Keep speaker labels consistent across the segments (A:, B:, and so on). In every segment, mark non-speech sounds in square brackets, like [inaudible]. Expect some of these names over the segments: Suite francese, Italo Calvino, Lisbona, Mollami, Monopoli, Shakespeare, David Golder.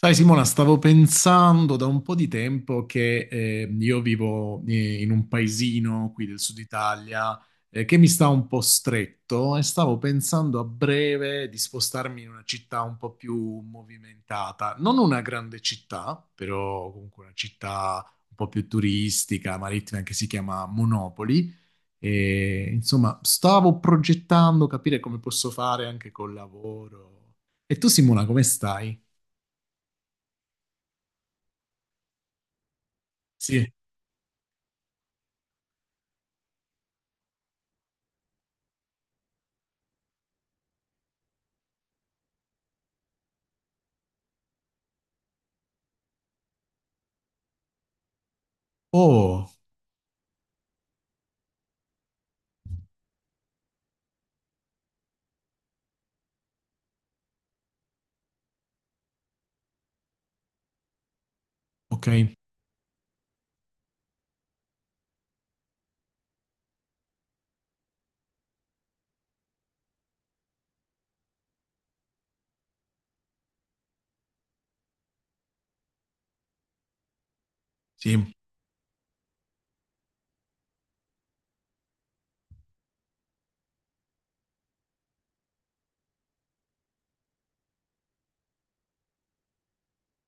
A: Sai Simona, stavo pensando da un po' di tempo che io vivo in un paesino qui del sud Italia che mi sta un po' stretto e stavo pensando a breve di spostarmi in una città un po' più movimentata, non una grande città, però comunque una città un po' più turistica, marittima, che si chiama Monopoli. E, insomma, stavo progettando capire come posso fare anche col lavoro. E tu Simona, come stai? Sì. Oh, ok. Sì,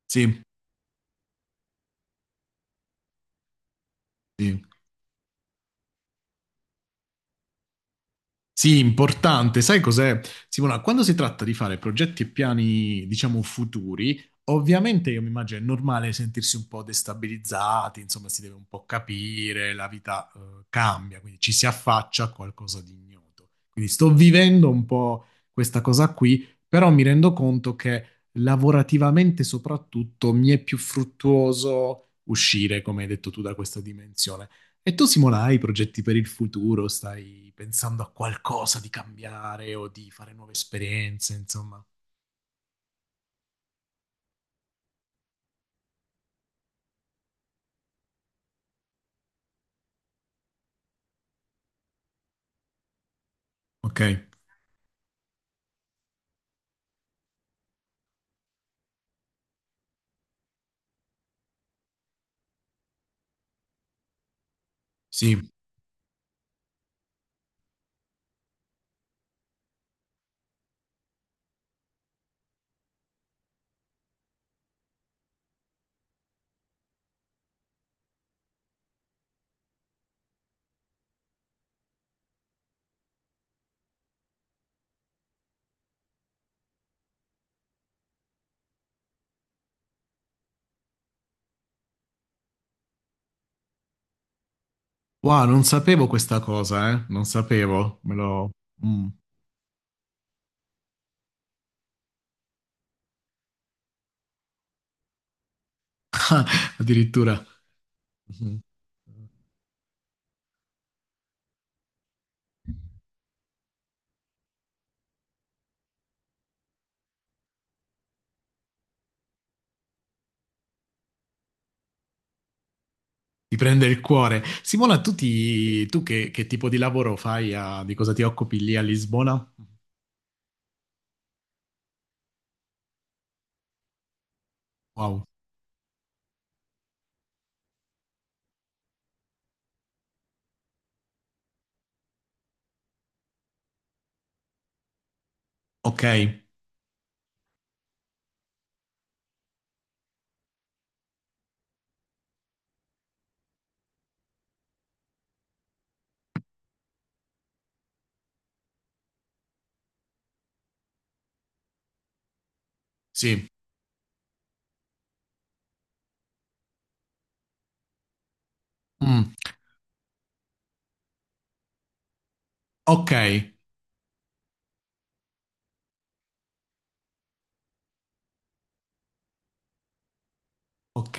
A: sì, sì. Sì, importante. Sai cos'è, Simona? Quando si tratta di fare progetti e piani, diciamo, futuri, ovviamente io mi immagino è normale sentirsi un po' destabilizzati, insomma, si deve un po' capire, la vita, cambia, quindi ci si affaccia a qualcosa di ignoto. Quindi sto vivendo un po' questa cosa qui, però mi rendo conto che lavorativamente soprattutto mi è più fruttuoso uscire, come hai detto tu, da questa dimensione. E tu, Simona, hai progetti per il futuro? Stai pensando a qualcosa di cambiare o di fare nuove esperienze, insomma? Ok, sì. Wow, non sapevo questa cosa, eh? Non sapevo, me lo... Mm. [laughs] Addirittura... Mhm. Ti prende il cuore. Simona, tu, tu che tipo di lavoro fai? Di cosa ti occupi lì a Lisbona? Wow. Ok, sì. Mm, ok, ok,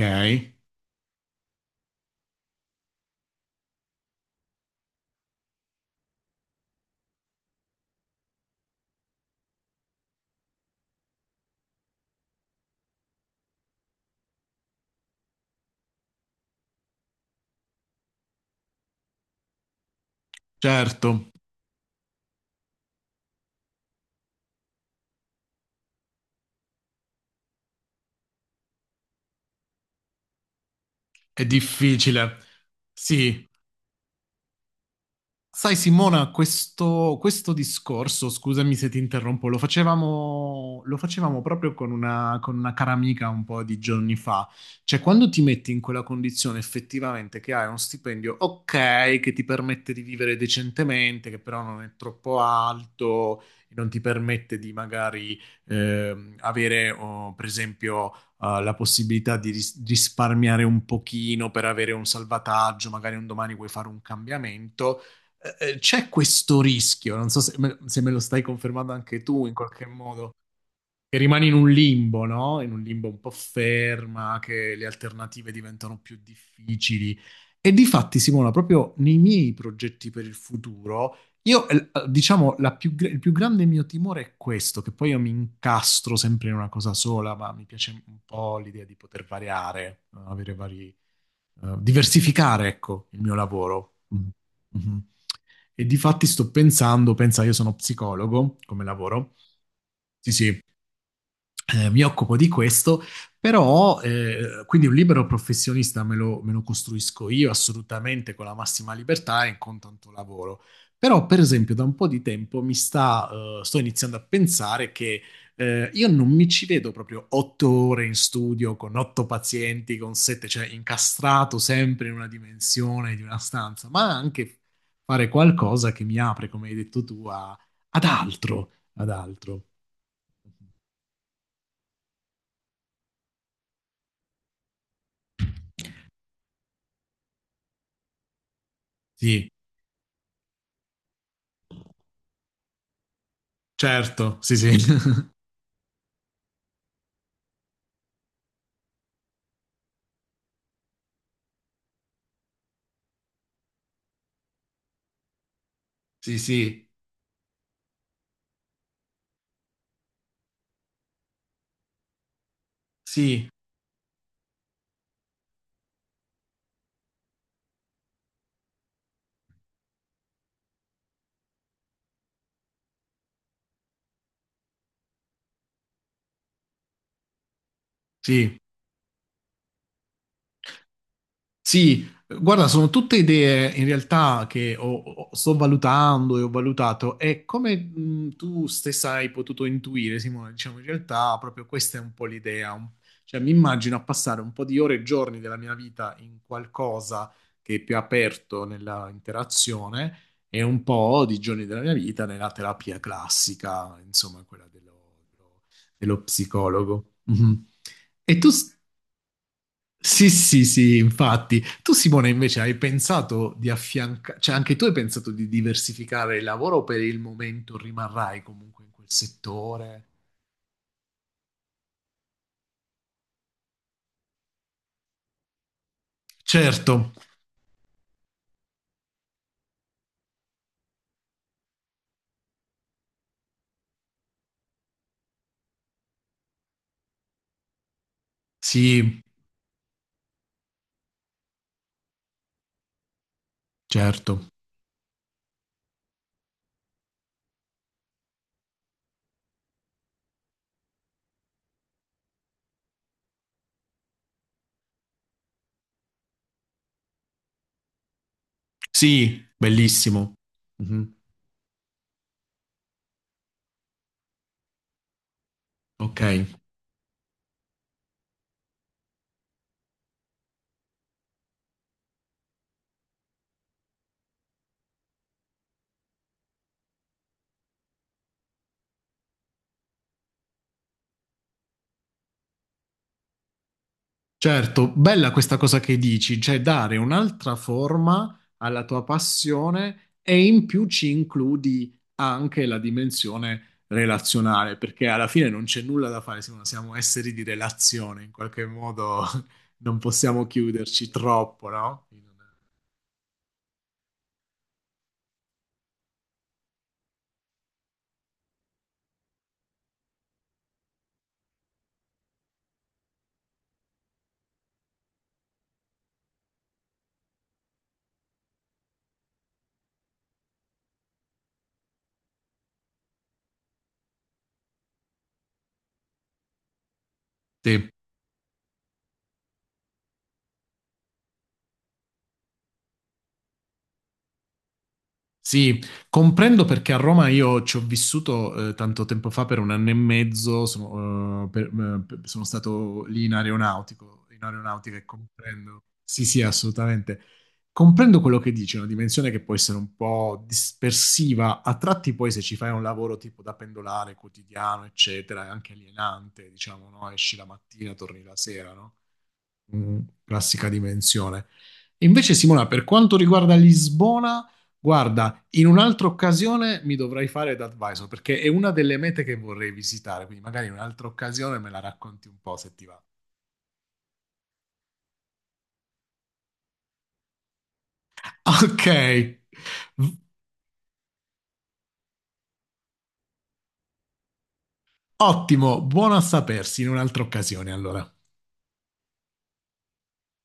A: certo, è difficile. Sì. Sai Simona, questo discorso, scusami se ti interrompo, lo facevamo proprio con una cara amica un po' di giorni fa. Cioè, quando ti metti in quella condizione effettivamente che hai uno stipendio ok, che ti permette di vivere decentemente, che però non è troppo alto, non ti permette di magari avere, oh, per esempio, la possibilità di risparmiare un pochino per avere un salvataggio, magari un domani vuoi fare un cambiamento c'è questo rischio, non so se me, se me lo stai confermando anche tu in qualche modo, che rimani in un limbo, no? In un limbo un po' ferma, che le alternative diventano più difficili. E difatti, Simona, proprio nei miei progetti per il futuro, io, diciamo, la più il più grande mio timore è questo, che poi io mi incastro sempre in una cosa sola, ma mi piace un po' l'idea di poter variare, avere vari, diversificare, ecco, il mio lavoro. Mm. Mhm. E difatti sto pensando, pensa, io sono psicologo come lavoro. Sì, sì, mi occupo di questo, però quindi un libero professionista me lo costruisco io assolutamente con la massima libertà e con tanto lavoro. Però, per esempio, da un po' di tempo mi sta, sto iniziando a pensare che io non mi ci vedo proprio 8 ore in studio con otto pazienti, con sette, cioè incastrato sempre in una dimensione di una stanza, ma anche fare qualcosa che mi apre, come hai detto tu, ad altro, ad altro. Sì. Certo, sì, sì. [laughs] Sì, sì, sì, sì. Sì, guarda, sono tutte idee in realtà che sto valutando e ho valutato e come tu stessa hai potuto intuire, Simone, diciamo in realtà proprio questa è un po' l'idea, cioè mi immagino a passare un po' di ore e giorni della mia vita in qualcosa che è più aperto nella interazione e un po' di giorni della mia vita nella terapia classica, insomma, quella dello, dello psicologo. Mhm. E tu... Sì, sì, sì, infatti. Tu, Simone, invece hai pensato di affiancare, cioè anche tu hai pensato di diversificare il lavoro o per il momento rimarrai comunque in quel settore? Certo, sì, certo. Sì, bellissimo. Mhm. Ok. Certo, bella questa cosa che dici, cioè dare un'altra forma alla tua passione e in più ci includi anche la dimensione relazionale, perché alla fine non c'è nulla da fare, siamo, siamo esseri di relazione, in qualche modo [laughs] non possiamo chiuderci troppo, no? Sì. Sì, comprendo perché a Roma io ci ho vissuto tanto tempo fa per 1 anno e mezzo, sono, sono stato lì in aeronautico, in aeronautica e comprendo. Sì, sì, assolutamente. Comprendo quello che dici, è una dimensione che può essere un po' dispersiva, a tratti poi se ci fai un lavoro tipo da pendolare quotidiano, eccetera, è anche alienante, diciamo, no? Esci la mattina, torni la sera, no? Mm, classica dimensione. Invece, Simona, per quanto riguarda Lisbona, guarda, in un'altra occasione mi dovrai fare da advisor perché è una delle mete che vorrei visitare, quindi magari in un'altra occasione me la racconti un po' se ti va. [laughs] Ok, v- ottimo, buono a sapersi in un'altra occasione allora.